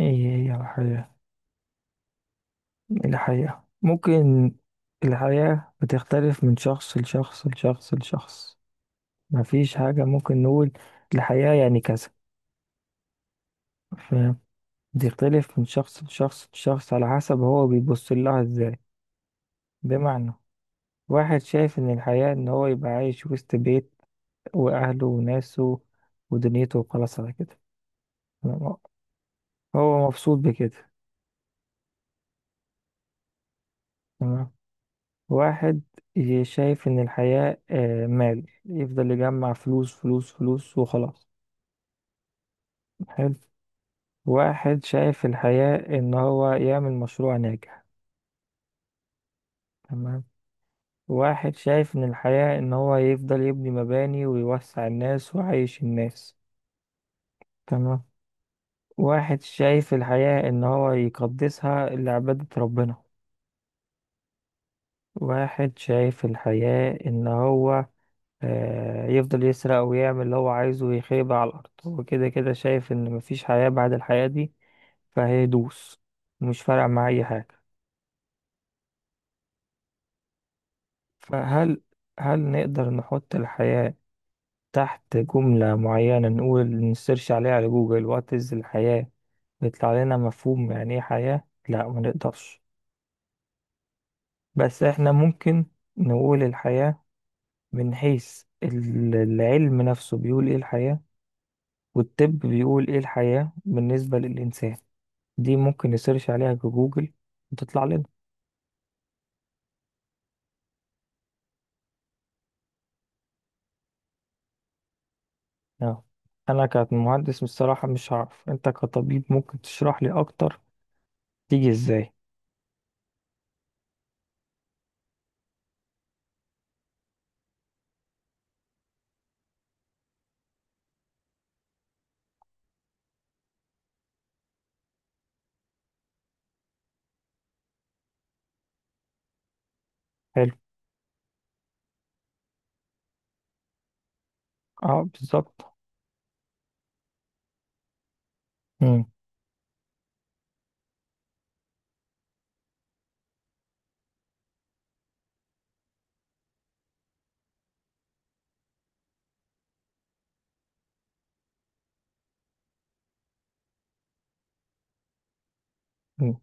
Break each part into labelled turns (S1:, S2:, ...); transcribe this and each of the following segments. S1: ايه هي الحياة ممكن الحياة بتختلف من شخص لشخص لشخص لشخص. مفيش حاجة ممكن نقول الحياة يعني كذا. فاهم. بتختلف من شخص لشخص لشخص على حسب هو بيبص لها ازاي. بمعنى، واحد شايف ان الحياة ان هو يبقى عايش وسط بيت واهله وناسه ودنيته وخلاص على كده. تمام؟ هو مبسوط بكده. تمام. واحد شايف إن الحياة، مال، يفضل يجمع فلوس فلوس فلوس وخلاص. حلو. واحد شايف الحياة إن هو يعمل مشروع ناجح. تمام. واحد شايف إن الحياة إن هو يفضل يبني مباني ويوسع الناس ويعيش الناس. تمام. واحد شايف الحياة إن هو يقدسها لعبادة ربنا. واحد شايف الحياة إن هو يفضل يسرق ويعمل اللي هو عايزه ويخيب على الأرض، هو كده كده شايف إن مفيش حياة بعد الحياة دي، فهيدوس. مش فارقة مع أي حاجة. فهل نقدر نحط الحياة تحت جملة معينة، نقول نسيرش عليها على جوجل، وات إز الحياة، بيطلع لنا مفهوم يعني إيه حياة؟ لا، ما نقدرش. بس إحنا ممكن نقول الحياة من حيث العلم نفسه بيقول إيه الحياة، والطب بيقول إيه الحياة بالنسبة للإنسان. دي ممكن نسيرش عليها جوجل وتطلع لنا. اه، انا كمهندس بصراحة مش هعرف. انت كطبيب ممكن تشرح لي اكتر تيجي ازاي؟ حلو. اه، بالظبط. مم. مم.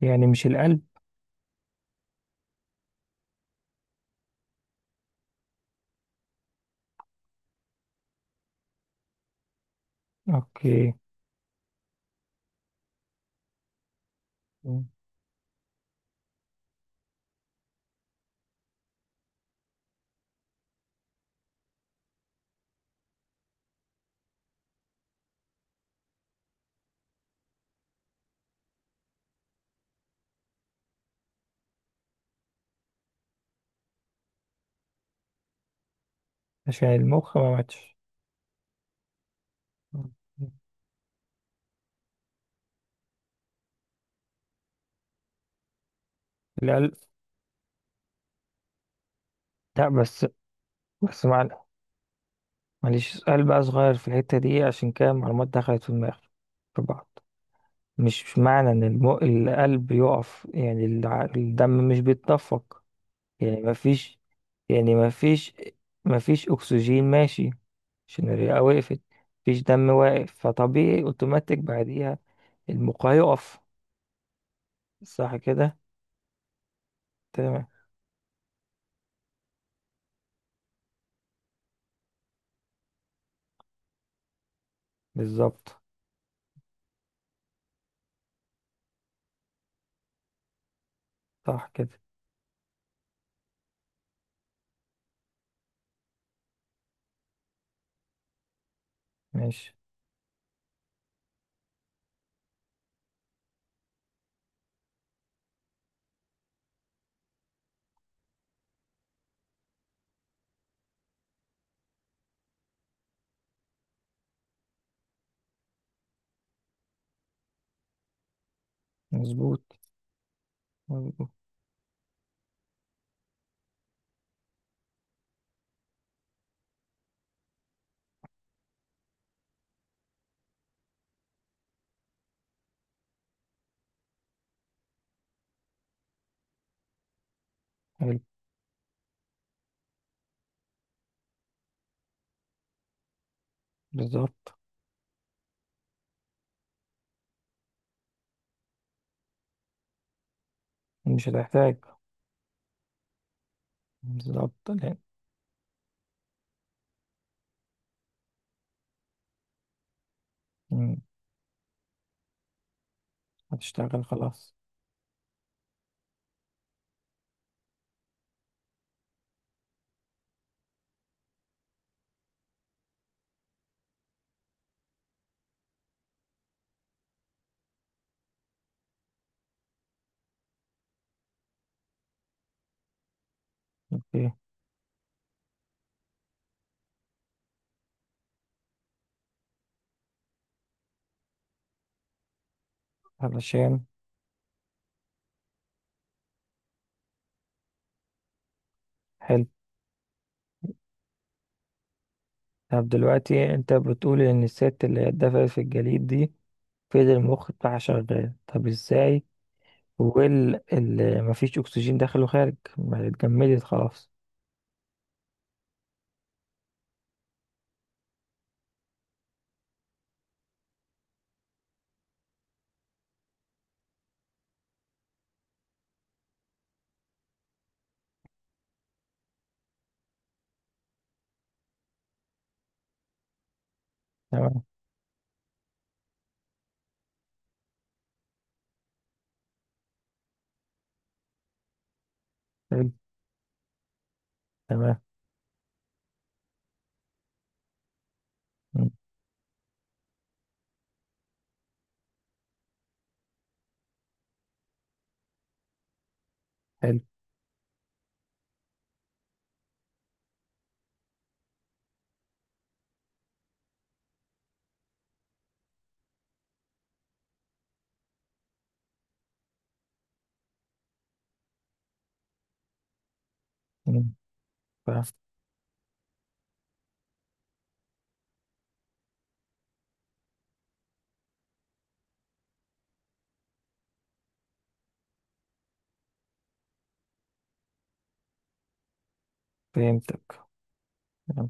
S1: يعني مش القلب؟ اوكي. مم. عشان المخ ما ماتش. مم. القلب. لا، بس، معلش سؤال بقى صغير في الحتة دي، عشان كده المعلومات دخلت في دماغي في بعض. مش معنى ان القلب يقف يعني الدم مش بيتدفق. يعني ما فيش يعني ما فيش ما فيش اكسجين ماشي، عشان الرئة وقفت، مفيش دم واقف، فطبيعي اوتوماتيك بعديها المخ هيقف. صح كده؟ تمام. بالظبط. صح كده. ماشي. مظبوط. مظبوط. حلو. بالظبط. مش هتحتاج. بالظبط مم. هتشتغل خلاص. اوكي. علشان حلو. طب دلوقتي انت بتقول ان الست اللي هي اتدفنت في الجليد دي فضل المخ بتاعها شغال، طب ازاي واللي مفيش أكسجين داخل وخارج ما اتجمدت خلاص؟ تمام. حلو. تمام. مم. حلو. مم. ف- فهمتك. تمام.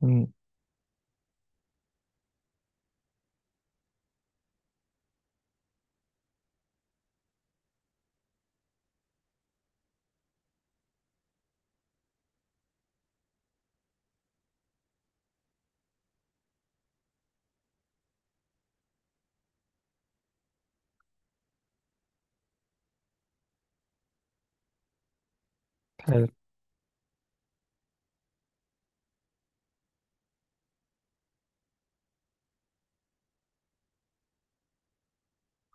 S1: مم. حلو.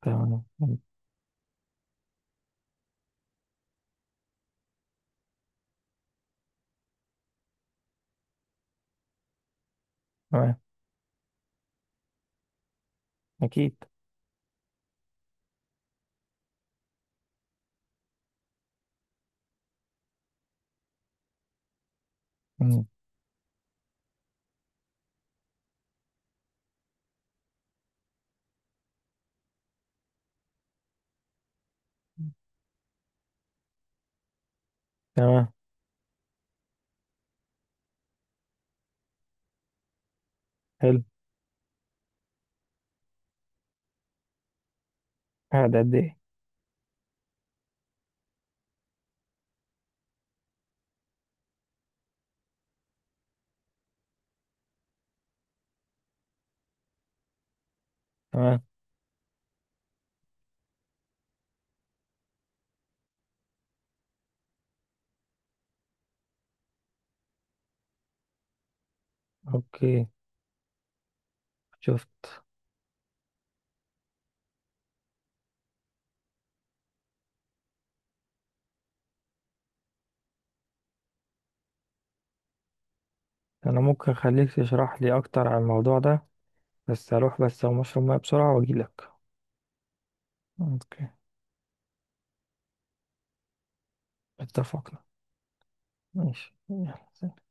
S1: تمام. مم. تمام. أكيد. مم. تمام. حلو. قاعد قد إيه؟ تمام. أوكي. شفت. أنا ممكن أخليك تشرح لي أكتر عن الموضوع ده، بس هروح بس أقوم أشرب مية بسرعة وأجيلك. أوكي. اتفقنا. ماشي يلا. سلام.